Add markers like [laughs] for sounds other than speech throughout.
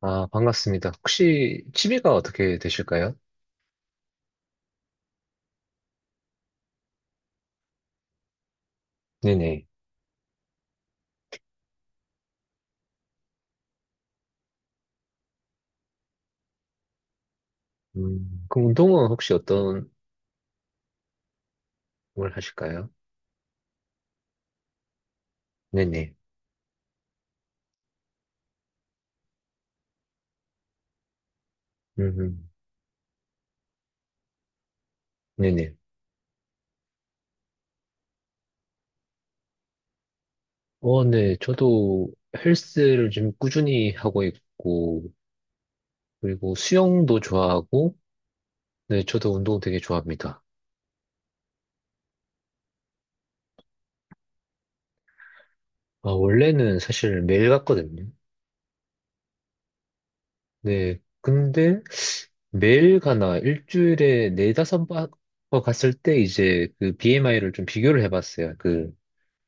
아, 반갑습니다. 혹시 취미가 어떻게 되실까요? 네네. 그럼 운동은 혹시 어떤 걸 하실까요? 네네. 음, 네네. 어, 네. 저도 헬스를 지금 꾸준히 하고 있고, 그리고 수영도 좋아하고, 네, 저도 운동 되게 좋아합니다. 아, 원래는 사실 매일 갔거든요. 네. 근데 매일 가나 일주일에 네다섯 번 갔을 때 이제 그 BMI를 좀 비교를 해봤어요. 그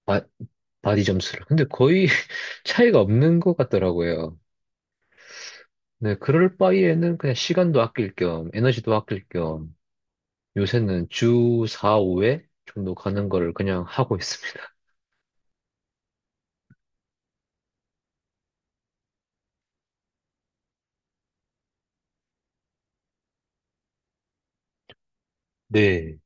바, 바디 점수를. 근데 거의 [laughs] 차이가 없는 것 같더라고요. 네, 그럴 바에는 그냥 시간도 아낄 겸, 에너지도 아낄 겸, 요새는 주 4, 5회 정도 가는 거를 그냥 하고 있습니다. [laughs] 네,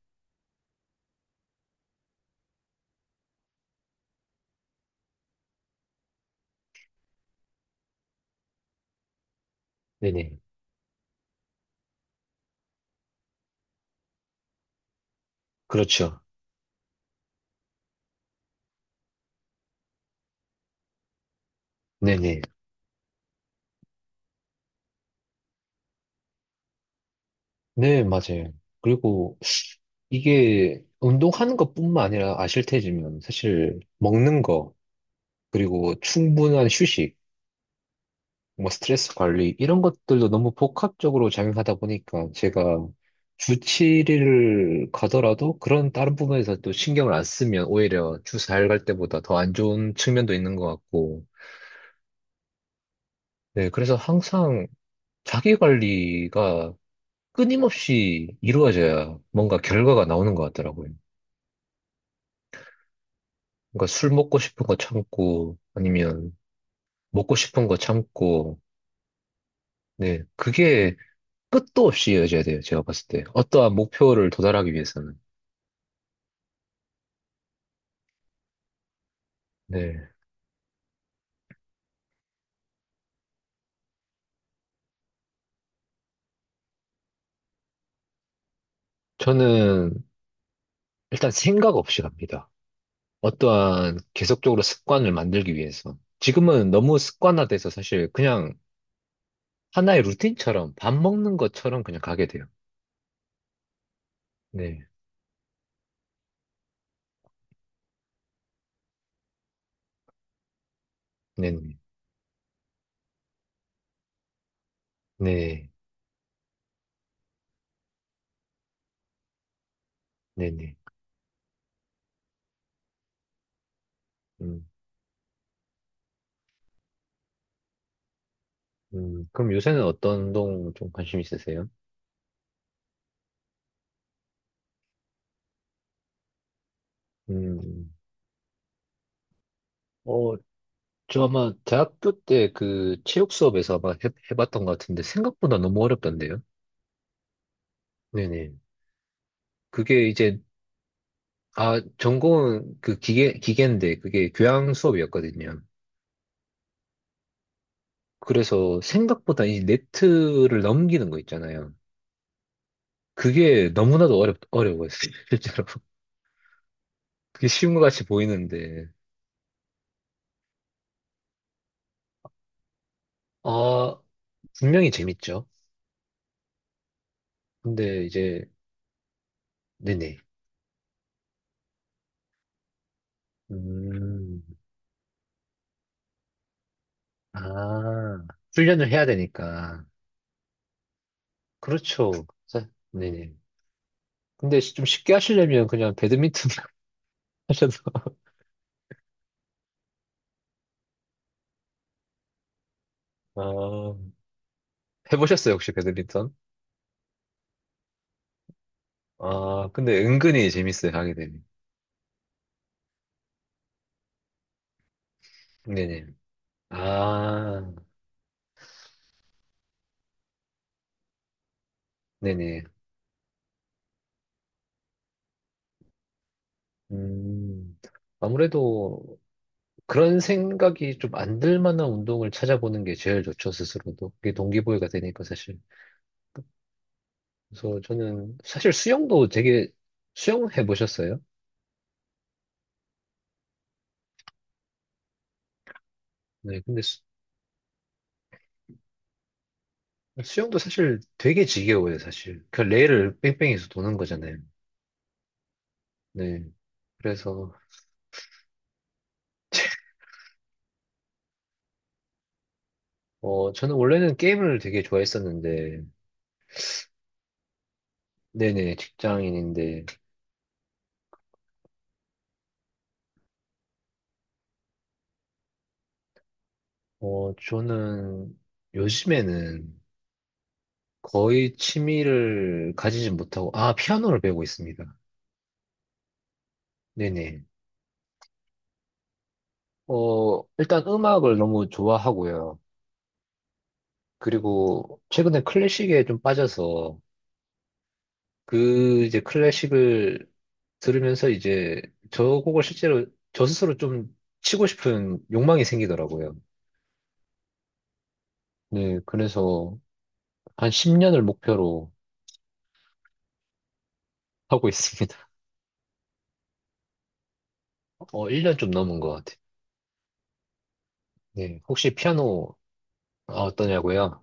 네네. 그렇죠. 네네. 네, 맞아요. 그리고 이게 운동하는 것뿐만 아니라 아실 테지만 사실 먹는 거, 그리고 충분한 휴식, 뭐 스트레스 관리 이런 것들도 너무 복합적으로 작용하다 보니까 제가 주 7일을 가더라도 그런 다른 부분에서 또 신경을 안 쓰면 오히려 주 4일 갈 때보다 더 안 좋은 측면도 있는 것 같고 네 그래서 항상 자기 관리가 끊임없이 이루어져야 뭔가 결과가 나오는 것 같더라고요. 그러니까 술 먹고 싶은 거 참고 아니면 먹고 싶은 거 참고 네 그게 끝도 없이 이어져야 돼요. 제가 봤을 때 어떠한 목표를 도달하기 위해서는. 네. 저는 일단 생각 없이 갑니다. 어떠한 계속적으로 습관을 만들기 위해서. 지금은 너무 습관화돼서 사실 그냥 하나의 루틴처럼 밥 먹는 것처럼 그냥 가게 돼요. 네. 네네. 네. 네네. 음, 그럼 요새는 어떤 운동 좀 관심 있으세요? 음. 어, 저 아마 대학교 때 그 체육 수업에서 아마 해봤던 것 같은데 생각보다 너무 어렵던데요? 네네. 그게 이제 아, 전공은 그 기계인데 그게 교양 수업이었거든요. 그래서 생각보다 이 네트를 넘기는 거 있잖아요. 그게 너무나도 어려워했어요, [laughs] 실제로. 그게 쉬운 것 같이 보이는데. 아, 분명히 재밌죠. 근데 이제, 네네. 음, 아, 훈련을 해야 되니까. 그렇죠. 자, 네네. 근데 좀 쉽게 하시려면 그냥 배드민턴 [laughs] 하셔도. 아, 해보셨어요, 혹시 배드민턴? 아, 근데 은근히 재밌어요, 하게 되면. 네네. 아, 네네. 음, 아무래도 그런 생각이 좀 안들 만한 운동을 찾아보는 게 제일 좋죠, 스스로도. 그게 동기부여가 되니까, 사실. 그래서 저는, 사실 수영도 되게, 수영 해보셨어요? 네, 근데 영도 사실 되게 지겨워요, 사실. 그 레일을 뺑뺑이에서 도는 거잖아요. 네. 그래서, 어, 저는 원래는 게임을 되게 좋아했었는데, 네네, 직장인인데, 어, 저는 요즘에는 거의 취미를 가지지 못하고, 아, 피아노를 배우고 있습니다. 네네. 어, 일단 음악을 너무 좋아하고요. 그리고 최근에 클래식에 좀 빠져서 그 이제 클래식을 들으면서 이제 저 곡을 실제로 저 스스로 좀 치고 싶은 욕망이 생기더라고요. 네, 그래서 한 10년을 목표로 하고 있습니다. [laughs] 어, 1년 좀 넘은 것 같아요. 네, 혹시 피아노 어떠냐고요?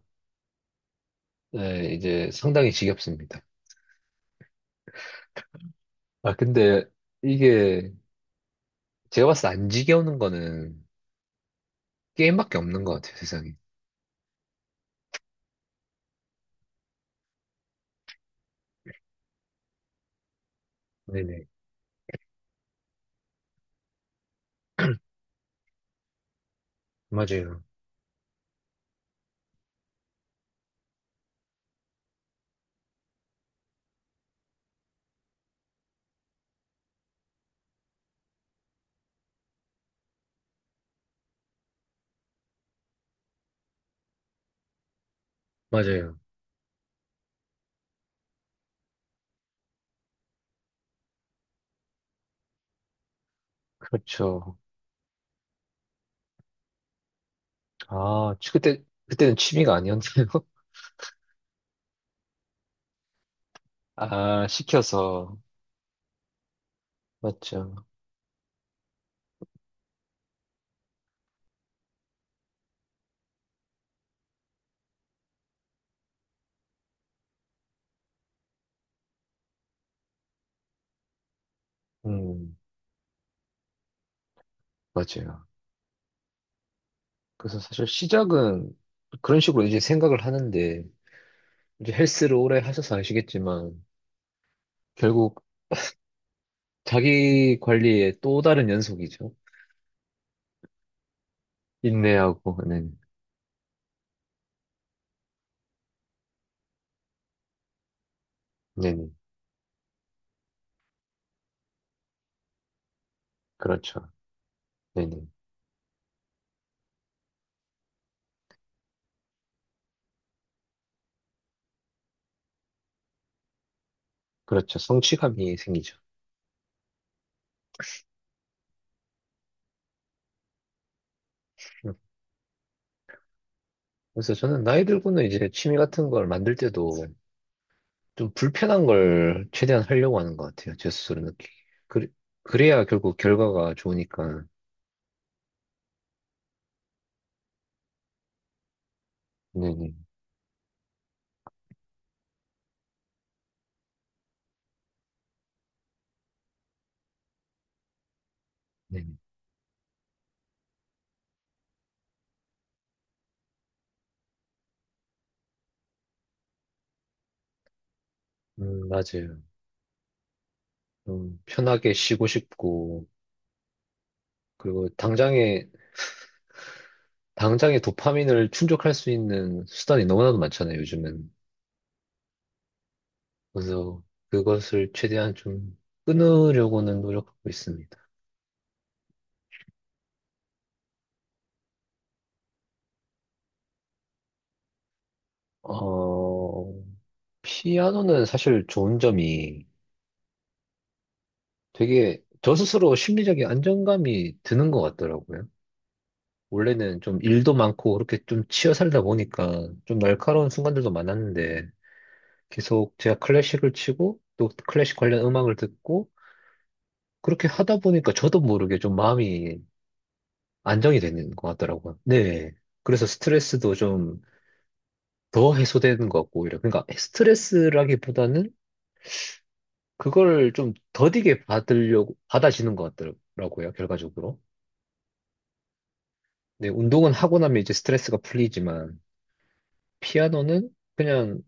네, 이제 상당히 지겹습니다. 아, 근데 이게 제가 봤을 때 안 지겨우는 거는 게임밖에 없는 것 같아요, 세상에. 네네. 맞아요. 맞아요. 그렇죠. 아, 그때는 취미가 아니었나요? [laughs] 아, 시켜서. 맞죠. 음, 맞아요. 그래서 사실 시작은 그런 식으로 이제 생각을 하는데, 이제 헬스를 오래 하셔서 아시겠지만, 결국 자기 관리의 또 다른 연속이죠. 인내하고, 네, 네, 네. 그렇죠. 네네. 그렇죠. 성취감이 생기죠. 음. 그래서 저는 나이 들고는 이제 취미 같은 걸 만들 때도 좀 불편한 걸 최대한 하려고 하는 것 같아요. 제 스스로 느끼기. 그래, 그래야 결국 결과가 좋으니까. 네네. 네네. 맞아요. 좀 편하게 쉬고 싶고, 그리고 당장에, 당장에 도파민을 충족할 수 있는 수단이 너무나도 많잖아요, 요즘은. 그래서 그것을 최대한 좀 끊으려고는 노력하고 있습니다. 어, 피아노는 사실 좋은 점이 되게 저 스스로 심리적인 안정감이 드는 것 같더라고요. 원래는 좀 일도 많고 그렇게 좀 치여 살다 보니까 좀 날카로운 순간들도 많았는데 계속 제가 클래식을 치고 또 클래식 관련 음악을 듣고 그렇게 하다 보니까 저도 모르게 좀 마음이 안정이 되는 것 같더라고요. 네. 그래서 스트레스도 좀 더 해소되는 것 같고 오히려 그러니까 스트레스라기보다는 그걸 좀 더디게 받으려고, 받아지는 것 같더라고요, 결과적으로. 네 운동은 하고 나면 이제 스트레스가 풀리지만, 피아노는 그냥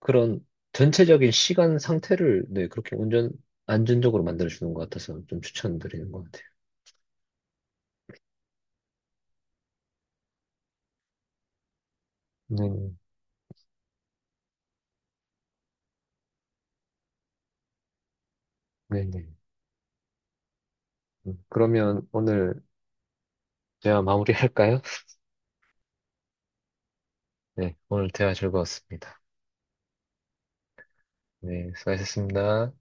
그런 전체적인 시간 상태를, 네, 그렇게 온전, 안전적으로 만들어주는 것 같아서 좀 추천드리는 것 같아요. 네, 네, 네. 그러면 오늘 대화 마무리할까요? 네, 오늘 대화 즐거웠습니다. 네, 수고하셨습니다.